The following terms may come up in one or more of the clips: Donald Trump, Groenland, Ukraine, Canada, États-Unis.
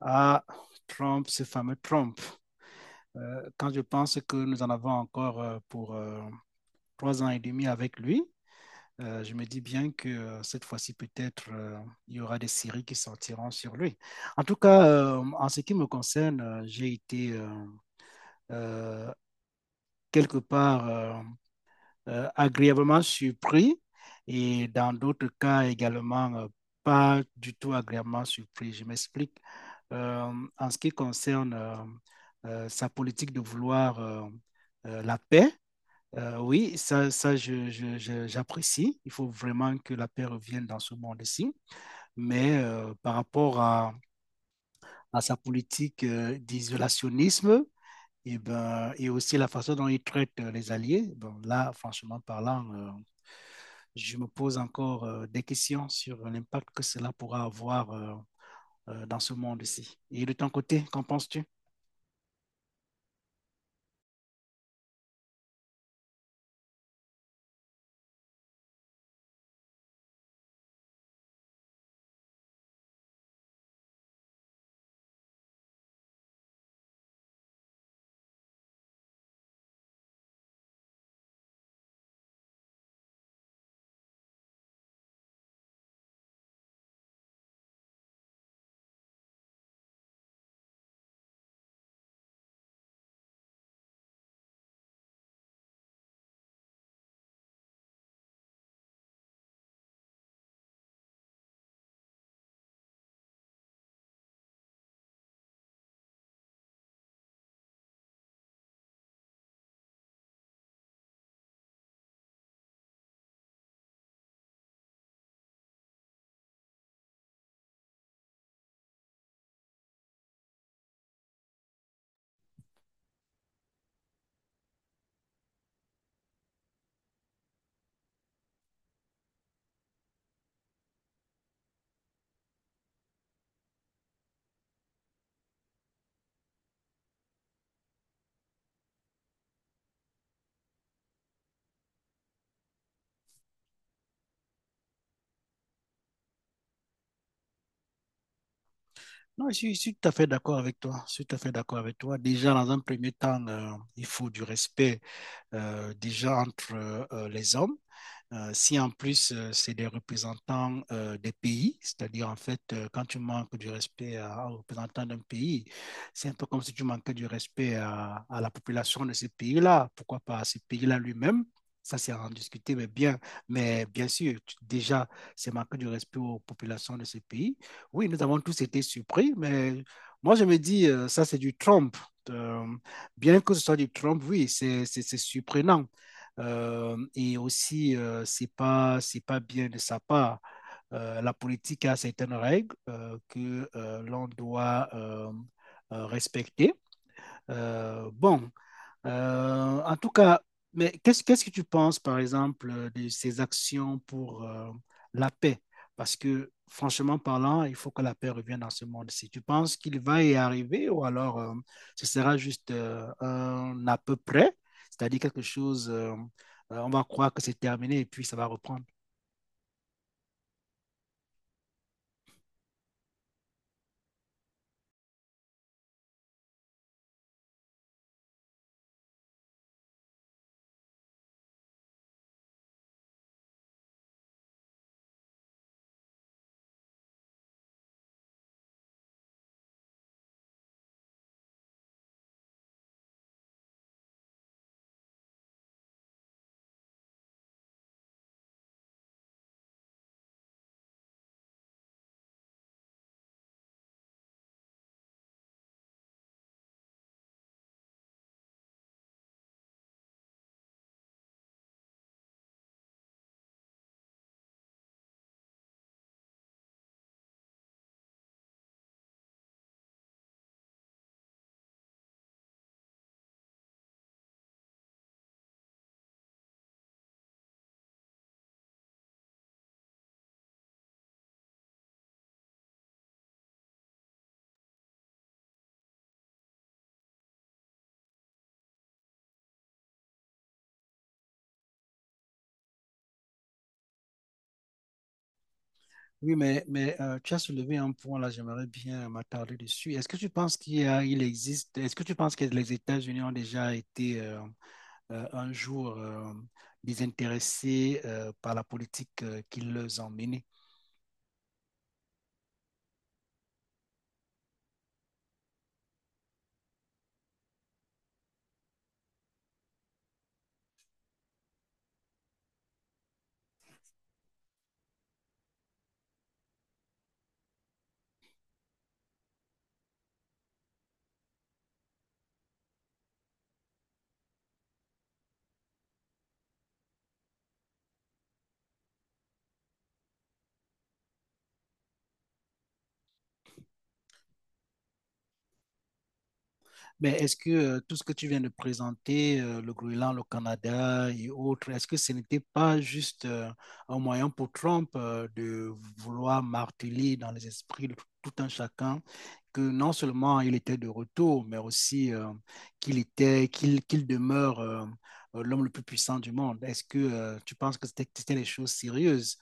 À Trump, ce fameux Trump. Quand je pense que nous en avons encore pour trois ans et demi avec lui, je me dis bien que cette fois-ci, peut-être, il y aura des séries qui sortiront sur lui. En tout cas, en ce qui me concerne, j'ai été euh, quelque part agréablement surpris, et dans d'autres cas également pas du tout agréablement surpris. Je m'explique. Euh, en ce qui concerne sa politique de vouloir la paix, oui, ça, ça j'apprécie. Il faut vraiment que la paix revienne dans ce monde-ci. Mais par rapport à sa politique d'isolationnisme, et, ben, et aussi la façon dont il traite les alliés, bon, là, franchement parlant, je me pose encore des questions sur l'impact que cela pourra avoir dans ce monde-ci. Et de ton côté, qu'en penses-tu? Non, je suis tout à fait d'accord avec toi. Je suis tout à fait d'accord avec toi. Déjà, dans un premier temps, il faut du respect déjà entre les hommes. Si en plus, c'est des représentants des pays, c'est-à-dire en fait, quand tu manques du respect à, aux représentants d'un pays, c'est un peu comme si tu manquais du respect à la population de ce pays-là, pourquoi pas à ce pays-là lui-même. Ça, c'est à en discuter, mais bien sûr, tu- déjà, c'est manquer du respect aux populations de ce pays. Oui, nous avons tous été surpris, mais moi, je me dis, ça, c'est du Trump. Euh, bien que ce soit du Trump, oui, c'est surprenant. Et aussi, c'est pas bien de sa part. La politique a certaines règles que l'on doit respecter. Bon, en tout cas, mais qu'est-ce que tu penses, par exemple, de ces actions pour la paix? Parce que, franchement parlant, il faut que la paix revienne dans ce monde-ci. Tu penses qu'il va y arriver ou alors ce sera juste un à peu près, c'est-à-dire quelque chose, on va croire que c'est terminé et puis ça va reprendre. Oui, mais tu as soulevé un point là, j'aimerais bien m'attarder dessus. Est-ce que tu penses qu'il y a- Il existe, est-ce que tu penses que les États-Unis ont déjà été un jour désintéressés par la politique qui les emmène? Mais est-ce que tout ce que tu viens de présenter, le Groenland, le Canada et autres, est-ce que ce n'était pas juste un moyen pour Trump de vouloir marteler dans les esprits de tout un chacun que non seulement il était de retour, mais aussi qu'il qu demeure l'homme le plus puissant du monde. Est-ce que tu penses que c'était des choses sérieuses?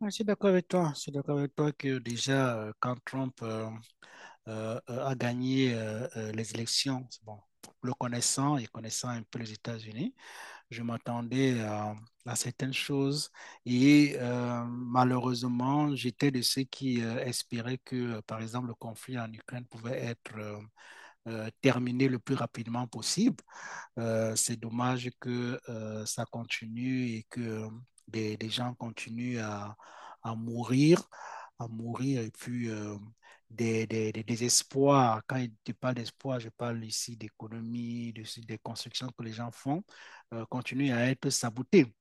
Ouais, je suis d'accord avec toi. Je suis d'accord avec toi que déjà, quand Trump a gagné les élections, c'est bon, le connaissant et connaissant un peu les États-Unis, je m'attendais à certaines choses, et malheureusement, j'étais de ceux qui espéraient que, par exemple, le conflit en Ukraine pouvait être terminé le plus rapidement possible. C'est dommage que ça continue et que des gens continuent à mourir, à mourir, et puis des désespoirs. Quand je parle d'espoir, je parle ici d'économie, de, des constructions que les gens font continue à être saboté.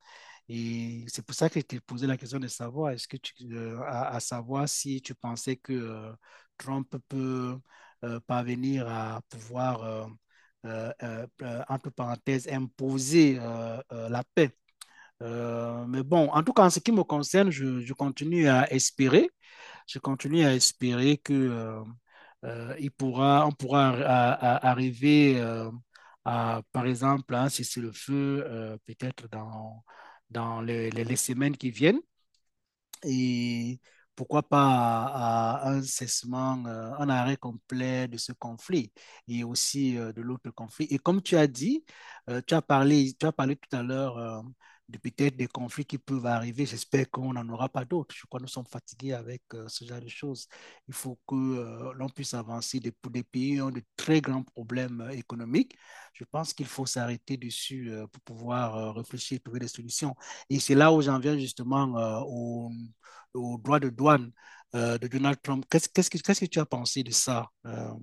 Et c'est pour ça que je t'ai posé la question de savoir, est-ce que tu, à savoir si tu pensais que Trump peut parvenir à pouvoir, entre parenthèses, imposer la paix. Mais bon, en tout cas, en ce qui me concerne, je continue à espérer, je continue à espérer que il pourra, on pourra arriver, à, par exemple, à un le feu peut-être dans, dans les semaines qui viennent, et pourquoi pas à un cessement, un arrêt complet de ce conflit, et aussi de l'autre conflit. Et comme tu as dit, tu as parlé tout à l'heure de peut-être des conflits qui peuvent arriver. J'espère qu'on n'en aura pas d'autres. Je crois que nous sommes fatigués avec ce genre de choses. Il faut que l'on puisse avancer. Des pays qui ont de très grands problèmes économiques. Je pense qu'il faut s'arrêter dessus pour pouvoir réfléchir, trouver des solutions. Et c'est là où j'en viens justement au au droit de douane de Donald Trump. Qu'est-ce que tu as pensé de ça,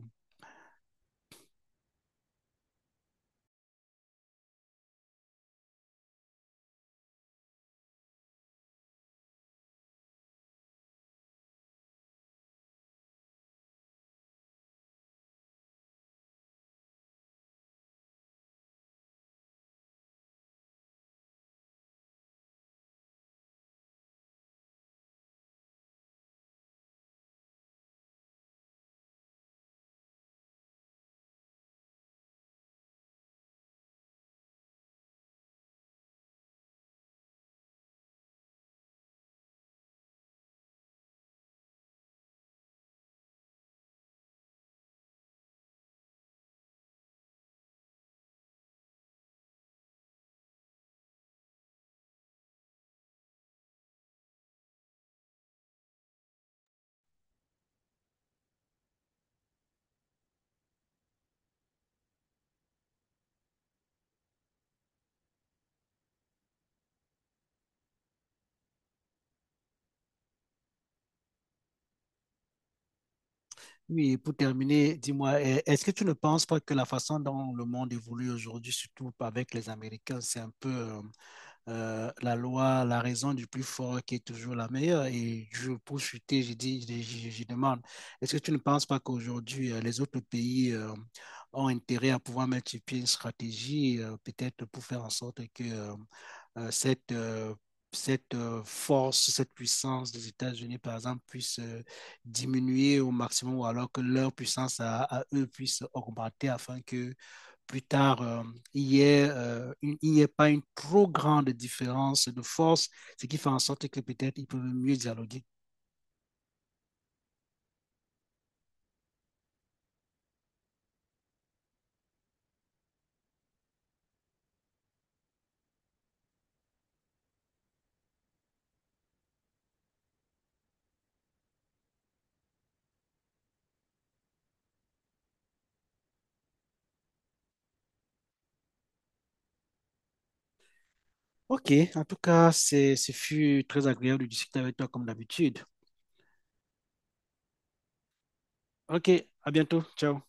Oui, pour terminer, dis-moi, est-ce que tu ne penses pas que la façon dont le monde évolue aujourd'hui, surtout avec les Américains, c'est un peu la loi, la raison du plus fort qui est toujours la meilleure? Et je, pour chuter, je demande, est-ce que tu ne penses pas qu'aujourd'hui, les autres pays ont intérêt à pouvoir mettre sur pied une stratégie, peut-être pour faire en sorte que euh, cette, euh, cette force, cette puissance des États-Unis, par exemple, puisse diminuer au maximum, ou alors que leur puissance à eux puisse augmenter afin que plus tard, ait pas une trop grande différence de force, ce qui fait en sorte que peut-être ils peuvent mieux dialoguer. OK, en tout cas, c'est ce fut très agréable de discuter avec toi comme d'habitude. OK, à bientôt. Ciao.